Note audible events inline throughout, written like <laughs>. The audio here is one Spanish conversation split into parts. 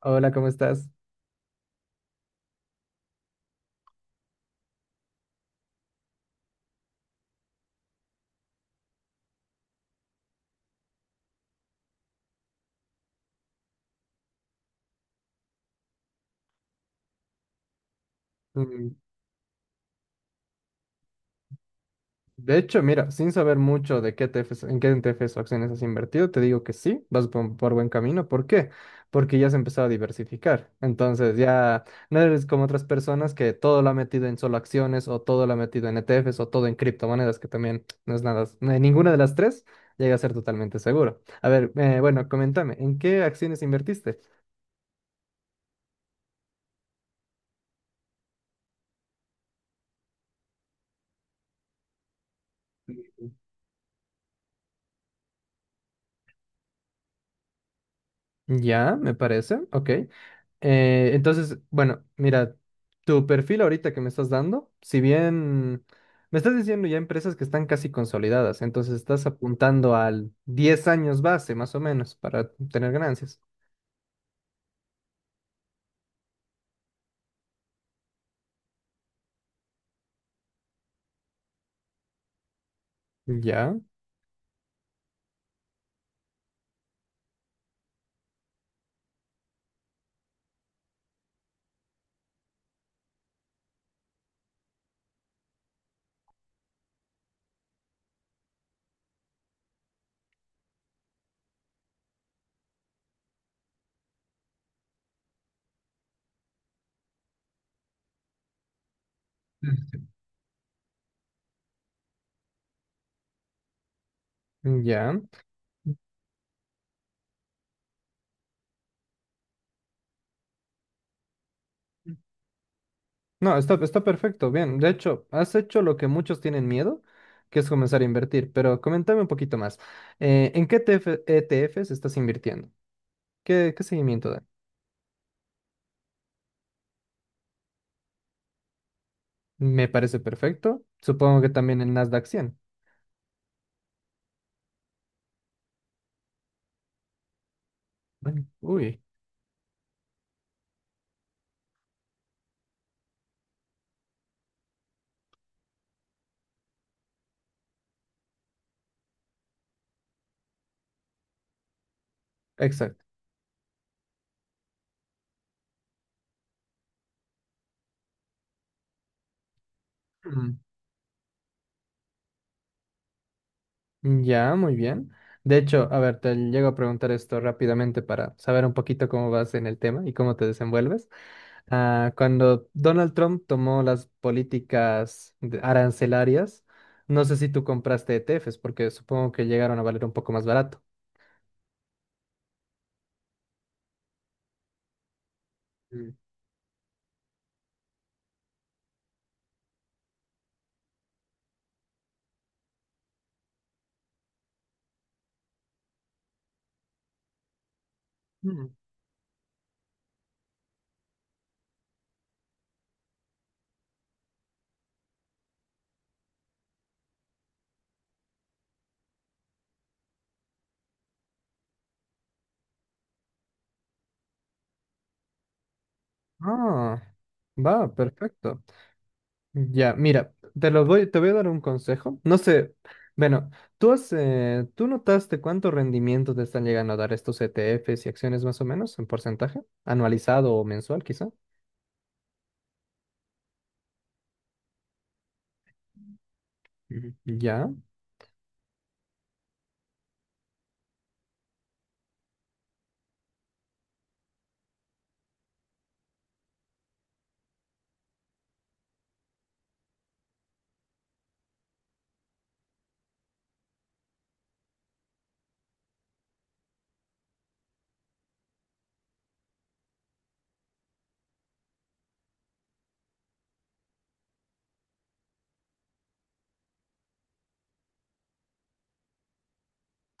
Hola, ¿cómo estás? Mm. De hecho, mira, sin saber mucho de qué ETFs, en qué ETFs o acciones has invertido, te digo que sí, vas por buen camino. ¿Por qué? Porque ya has empezado a diversificar. Entonces, ya no eres como otras personas que todo lo ha metido en solo acciones o todo lo ha metido en ETFs o todo en criptomonedas, que también <tsk> no es nada, ninguna de las tres llega a ser totalmente seguro. A ver, bueno, coméntame, ¿en qué acciones invertiste? Ya, me parece, ok. Entonces, bueno, mira, tu perfil ahorita que me estás dando, si bien me estás diciendo ya empresas que están casi consolidadas, entonces estás apuntando al 10 años base más o menos para tener ganancias. Ya, ya. No, está perfecto, bien. De hecho, has hecho lo que muchos tienen miedo, que es comenzar a invertir, pero coméntame un poquito más. ¿En qué ETFs estás invirtiendo? ¿Qué seguimiento dan? Me parece perfecto. Supongo que también el Nasdaq 100. Bueno, uy. Exacto. Mm. Ya, muy bien. De hecho, a ver, te llego a preguntar esto rápidamente para saber un poquito cómo vas en el tema y cómo te desenvuelves. Ah, cuando Donald Trump tomó las políticas arancelarias, no sé si tú compraste ETFs, porque supongo que llegaron a valer un poco más barato. Mm. Mm. Ah, va, perfecto. Ya, mira, te voy a dar un consejo. No sé, bueno, ¿tú notaste cuánto rendimiento te están llegando a dar estos ETFs y acciones más o menos en porcentaje? ¿Anualizado o mensual quizá? Ujú. Ya,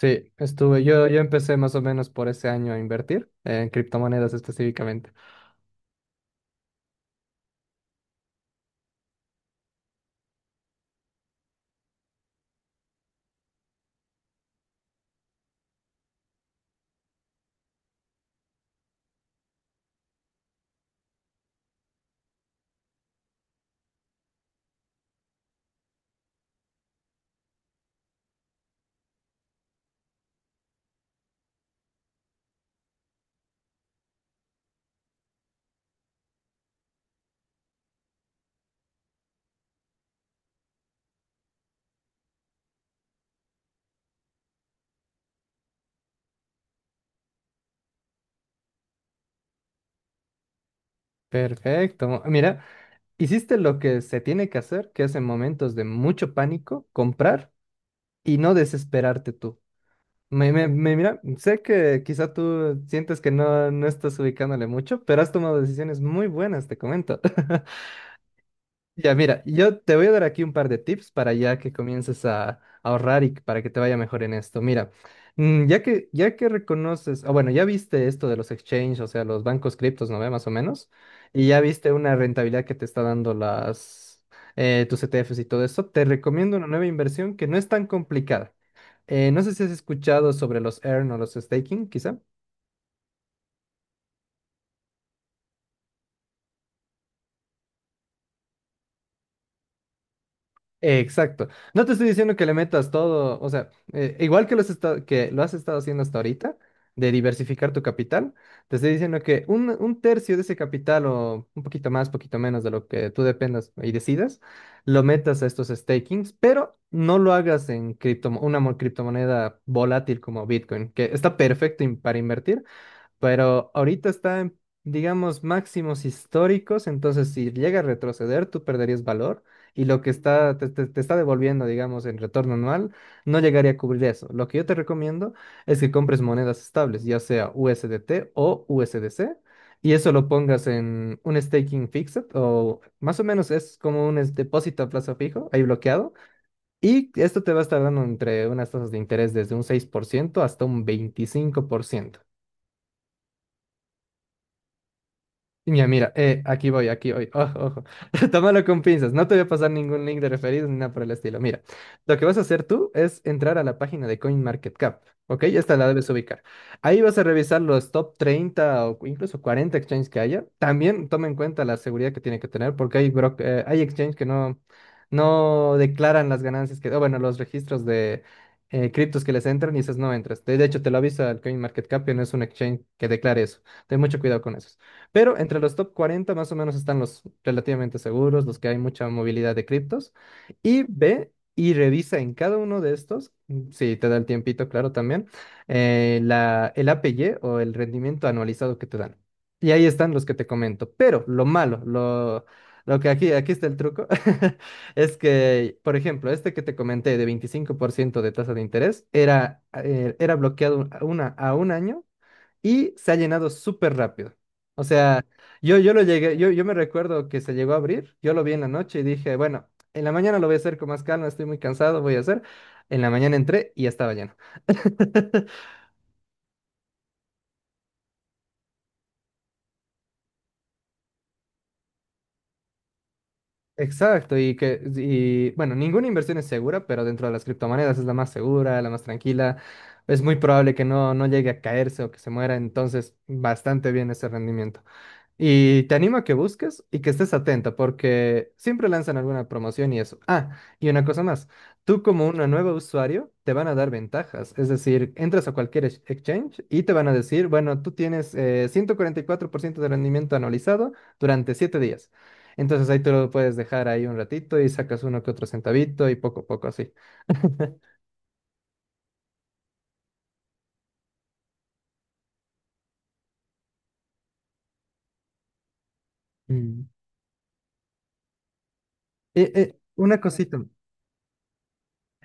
sí, estuve, yo empecé más o menos por ese año a invertir en criptomonedas específicamente. Perfecto. Mira, hiciste lo que se tiene que hacer, que es en momentos de mucho pánico, comprar y no desesperarte tú. Mira, sé que quizá tú sientes que no estás ubicándole mucho, pero has tomado decisiones muy buenas, te comento. <laughs> Ya, mira, yo te voy a dar aquí un par de tips para ya que comiences a ahorrar y para que te vaya mejor en esto. Mira, ya que reconoces, ah, bueno, ya viste esto de los exchanges, o sea, los bancos criptos, ¿no ve? Más o menos, y ya viste una rentabilidad que te está dando tus ETFs y todo eso, te recomiendo una nueva inversión que no es tan complicada. No sé si has escuchado sobre los earn o los staking, quizá. Exacto. No te estoy diciendo que le metas todo, o sea, igual que, que lo has estado haciendo hasta ahorita, de diversificar tu capital, te estoy diciendo que un tercio de ese capital o un poquito más, poquito menos de lo que tú dependas y decidas, lo metas a estos stakings, pero no lo hagas en criptomoneda volátil como Bitcoin, que está perfecto para invertir, pero ahorita está en, digamos, máximos históricos, entonces si llega a retroceder, tú perderías valor y lo que está te está devolviendo, digamos, en retorno anual, no llegaría a cubrir eso. Lo que yo te recomiendo es que compres monedas estables, ya sea USDT o USDC. Y eso lo pongas en un staking fixed o más o menos es como un depósito a plazo fijo, ahí bloqueado. Y esto te va a estar dando entre unas tasas de interés desde un 6% hasta un 25%. Mira, mira, aquí voy, ojo, ojo. <laughs> Tómalo con pinzas, no te voy a pasar ningún link de referidos ni nada por el estilo. Mira, lo que vas a hacer tú es entrar a la página de CoinMarketCap, ¿ok? Esta la debes ubicar. Ahí vas a revisar los top 30 o incluso 40 exchanges que haya. También toma en cuenta la seguridad que tiene que tener, porque hay exchanges que no declaran las ganancias que, o bueno, los registros de criptos que les entran y esas no entras. De hecho, te lo avisa el CoinMarketCap que no es un exchange que declare eso. Ten mucho cuidado con eso. Pero entre los top 40 más o menos están los relativamente seguros, los que hay mucha movilidad de criptos. Y ve y revisa en cada uno de estos, si te da el tiempito, claro, también, el APY o el rendimiento anualizado que te dan. Y ahí están los que te comento. Pero lo malo, lo que aquí está el truco, <laughs> es que, por ejemplo, este que te comenté de 25% de tasa de interés era, era bloqueado a un año y se ha llenado súper rápido. O sea, yo lo llegué, yo me recuerdo que se llegó a abrir, yo lo vi en la noche y dije, bueno, en la mañana lo voy a hacer con más calma, estoy muy cansado, voy a hacer. En la mañana entré y ya estaba lleno. <laughs> Exacto, y que, y bueno, ninguna inversión es segura, pero dentro de las criptomonedas es la más segura, la más tranquila. Es muy probable que no llegue a caerse o que se muera, entonces bastante bien ese rendimiento. Y te animo a que busques y que estés atenta porque siempre lanzan alguna promoción y eso. Ah, y una cosa más, tú como un nuevo usuario te van a dar ventajas, es decir, entras a cualquier exchange y te van a decir, bueno, tú tienes 144% de rendimiento anualizado durante 7 días. Entonces ahí tú lo puedes dejar ahí un ratito y sacas uno que otro centavito y poco a poco así. <laughs> Mm. Una cosita.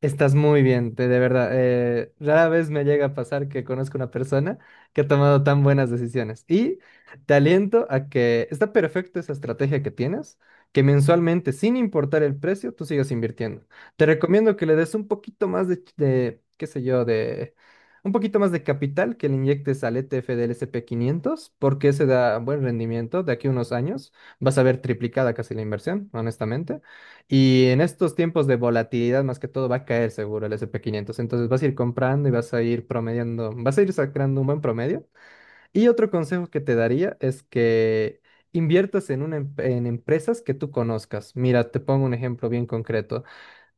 Estás muy bien, de verdad. Rara vez me llega a pasar que conozco una persona que ha tomado tan buenas decisiones. Y te aliento a que está perfecto esa estrategia que tienes, que mensualmente, sin importar el precio, tú sigas invirtiendo. Te recomiendo que le des un poquito más de, de, qué sé yo, de un poquito más de capital que le inyectes al ETF del S&P 500, porque ese da buen rendimiento. De aquí a unos años vas a ver triplicada casi la inversión, honestamente. Y en estos tiempos de volatilidad, más que todo, va a caer seguro el S&P 500. Entonces vas a ir comprando y vas a ir promediando, vas a ir sacando un buen promedio. Y otro consejo que te daría es que inviertas en empresas que tú conozcas. Mira, te pongo un ejemplo bien concreto.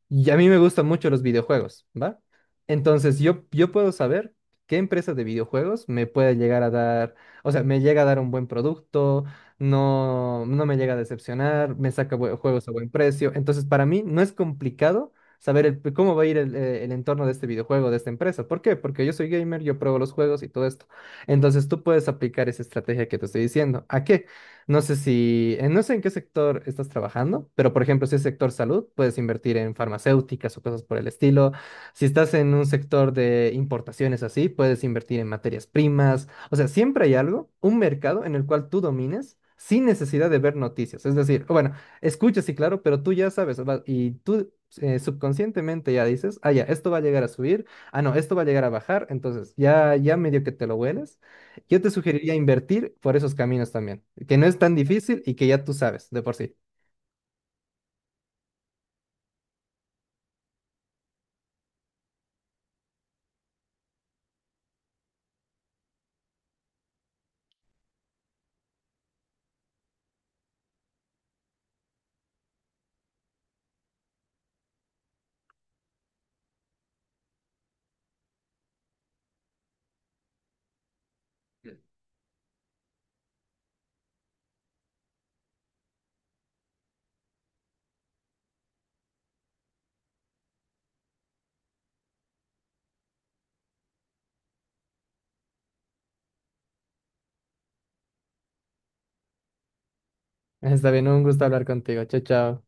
Y a mí me gustan mucho los videojuegos, ¿va? Entonces yo puedo saber qué empresa de videojuegos me puede llegar a dar, o sea, me llega a dar un buen producto, no, no me llega a decepcionar, me saca juegos a buen precio. Entonces para mí no es complicado saber cómo va a ir el entorno de este videojuego, de esta empresa. ¿Por qué? Porque yo soy gamer, yo pruebo los juegos y todo esto. Entonces tú puedes aplicar esa estrategia que te estoy diciendo. ¿A qué? No sé si, no sé en qué sector estás trabajando, pero por ejemplo, si es sector salud, puedes invertir en farmacéuticas o cosas por el estilo. Si estás en un sector de importaciones así, puedes invertir en materias primas. O sea, siempre hay algo, un mercado en el cual tú domines sin necesidad de ver noticias. Es decir, o bueno, escuchas sí, claro, pero tú ya sabes y tú subconscientemente ya dices, ah, ya, esto va a llegar a subir, ah, no, esto va a llegar a bajar. Entonces, ya, ya medio que te lo hueles. Yo te sugeriría invertir por esos caminos también, que no es tan difícil y que ya tú sabes de por sí. Está bien, un gusto hablar contigo. Chao, chao.